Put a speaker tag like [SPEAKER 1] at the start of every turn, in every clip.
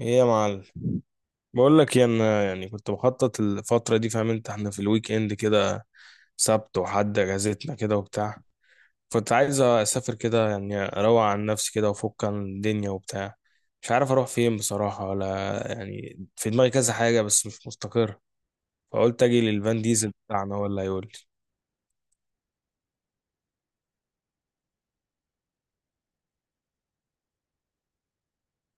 [SPEAKER 1] ايه يا معلم؟ بقول لك إيه، انا يعني كنت بخطط الفتره دي، فاهم انت، احنا في الويك اند كده، سبت وحد اجازتنا كده وبتاع. كنت عايز اسافر كده، يعني اروق عن نفسي كده وافك عن الدنيا وبتاع. مش عارف اروح فين بصراحه، ولا يعني في دماغي كذا حاجه بس مش مستقر. فقلت اجي للفان ديزل بتاعنا ولا يقول لي.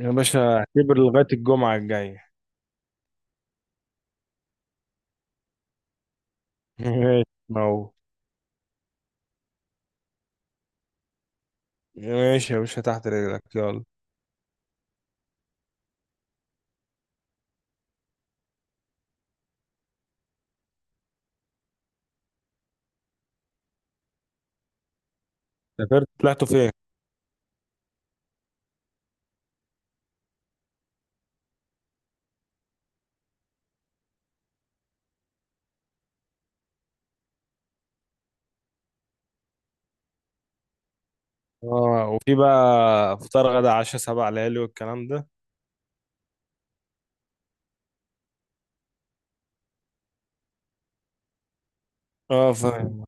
[SPEAKER 1] يا باشا اعتبر لغايه الجمعه الجايه. ماشي، ما هو ماشي يا باشا تحت رجلك، يلا. سافرت، طلعتوا فين؟ اه، وفي بقى فطار غدا عشاء سبع ليالي والكلام ده؟ اه، فاهم.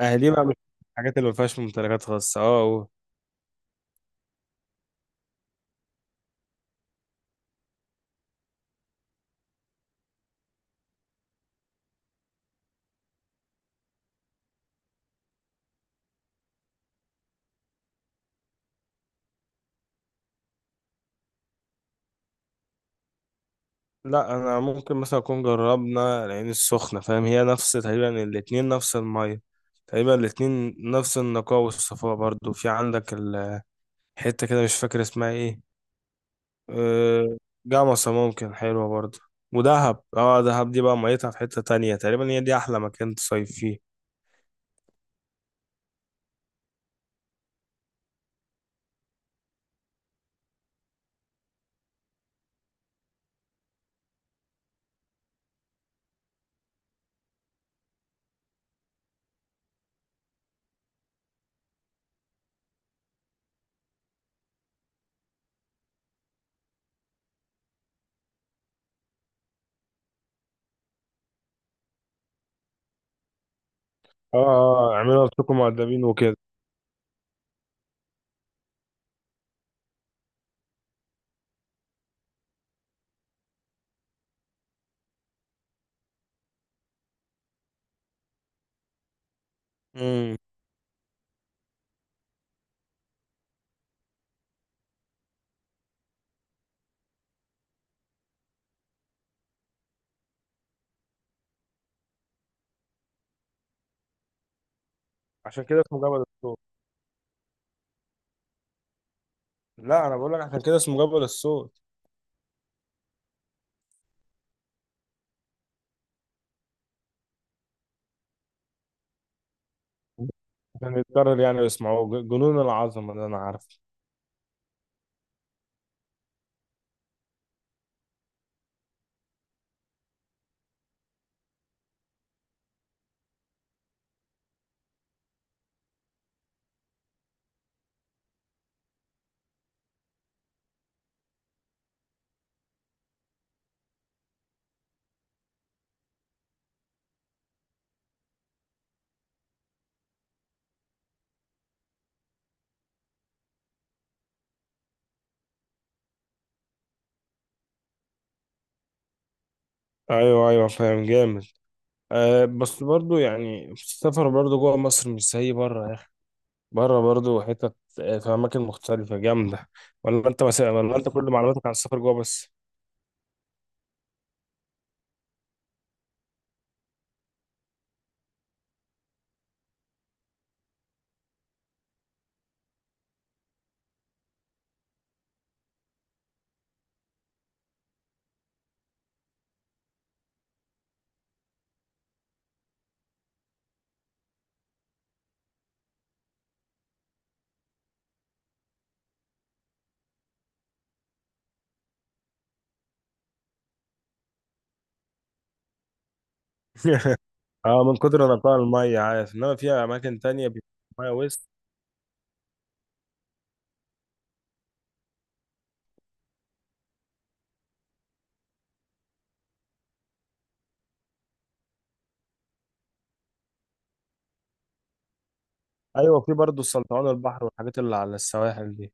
[SPEAKER 1] اهلي بقى مش الحاجات اللي ما فيهاش ممتلكات خاصه اه و... لا، انا ممكن مثلا اكون جربنا العين السخنه، فاهم، هي نفس تقريبا، الاتنين نفس الميه تقريبا، الاتنين نفس النقاء والصفاء. برضو في عندك الحته كده، مش فاكر اسمها ايه. آه، جمصة ممكن حلوه برضو. ودهب، اه دهب دي بقى ميتها في حته تانية تقريبا، هي دي احلى مكان تصيف فيه. اه اه، اعملوا نفسكم مؤدبين وكده. مم. عشان كده اسمه جبل الصوت. لا، انا بقول لك عشان كده اسمه جبل الصوت. عشان يتكرر يعني ويسمعوه. جنون العظمه اللي انا عارفه. ايوه ايوه، فاهم جامد. أه، بس برضو يعني السفر برضو جوه مصر مش زي بره. بره برضو حتت آه، في اماكن مختلفه جامده. ولا انت بس، ولا انت كل معلوماتك عن السفر جوه بس؟ اه، من كتر نقاء الميه، عارف؟ انما في اماكن تانية بيبقى الميه وسط. ايوه، في برضو السلطعون البحر والحاجات اللي على السواحل دي.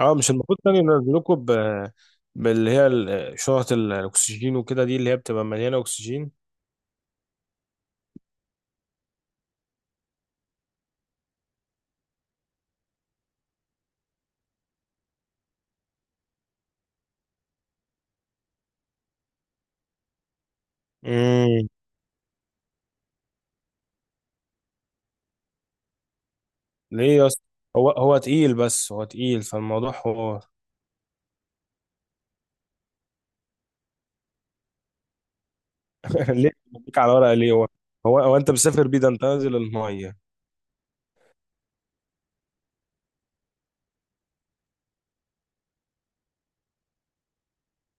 [SPEAKER 1] اه مش المفروض كانوا ينزلوكوا ب شنط الاكسجين وكده، دي اللي هي بتبقى مليانه اكسجين. امم ليه يا اسطى؟ هو تقيل، بس هو تقيل فالموضوع هو... ليه؟ بيك على ورقه ليه؟ هو هو انت مسافر بيه، ده انت نازل الميه.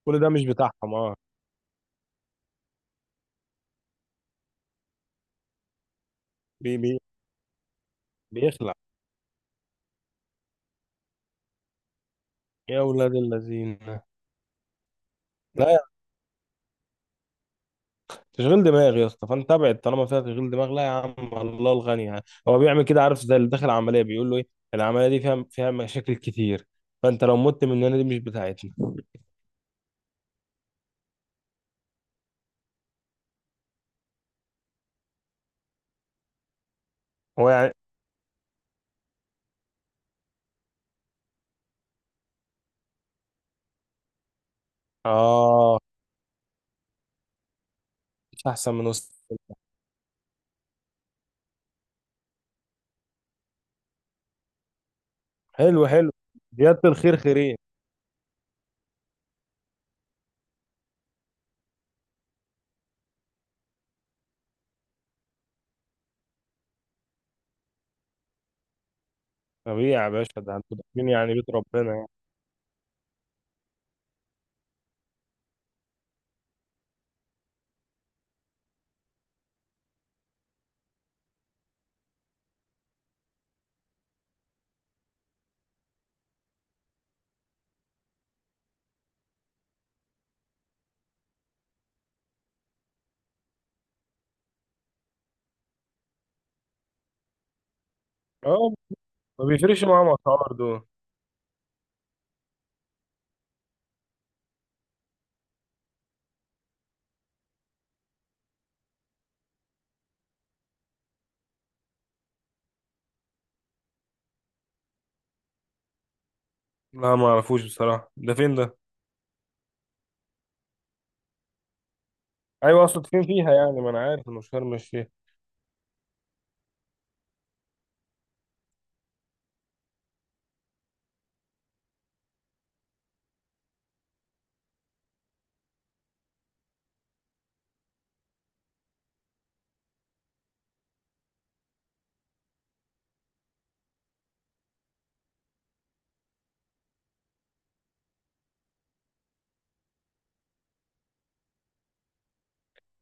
[SPEAKER 1] كل ده مش بتاعهم؟ اه. بي بي بيخلع. يا اولاد الذين! لا، تشغيل دماغ يا اسطى، فانت ابعد طالما فيها تشغيل دماغ. لا يا عم، الله الغني يعني. هو بيعمل كده عارف، زي اللي داخل عمليه بيقول له ايه؟ العمليه دي فيها مشاكل كتير، فانت لو مت مننا دي مش بتاعتنا. هو يعني. اه، مش احسن من وسط. حلو حلو، زياده الخير خيرين. طبيعي يا باشا، ده انتوا داخلين يعني بيت ربنا يعني. اه، ما بيفرقش معاهم اسعار دول. لا ما اعرفوش بصراحه، ده فين ده؟ ايوه، اقصد فين فيها يعني، ما انا عارف انه شرم الشيخ.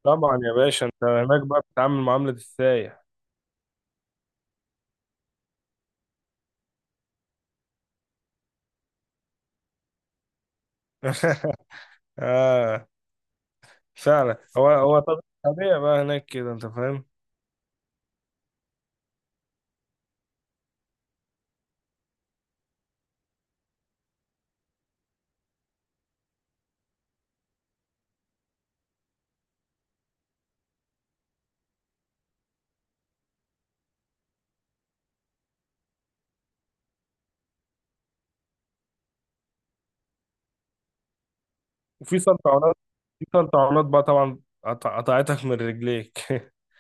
[SPEAKER 1] طبعا يا باشا، انت هناك بقى بتتعامل معامله السايح. آه، فعلا، طبيعي بقى هناك كده انت، فاهم. وفي سلطعونات؟ في سلطعونات بقى طبعا، قطعتك من رجليك.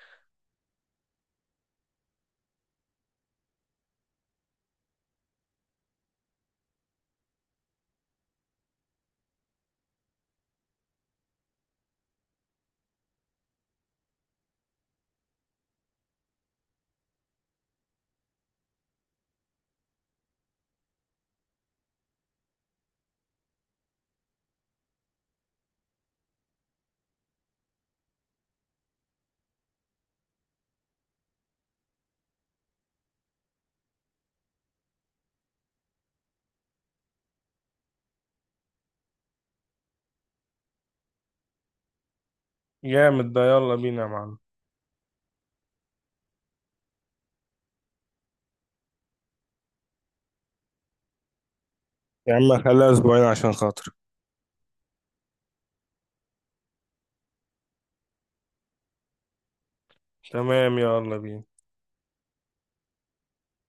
[SPEAKER 1] جامد ده، يلا بينا يا معلم. يا عم خليها اسبوعين عشان خاطر. تمام، يلا بينا.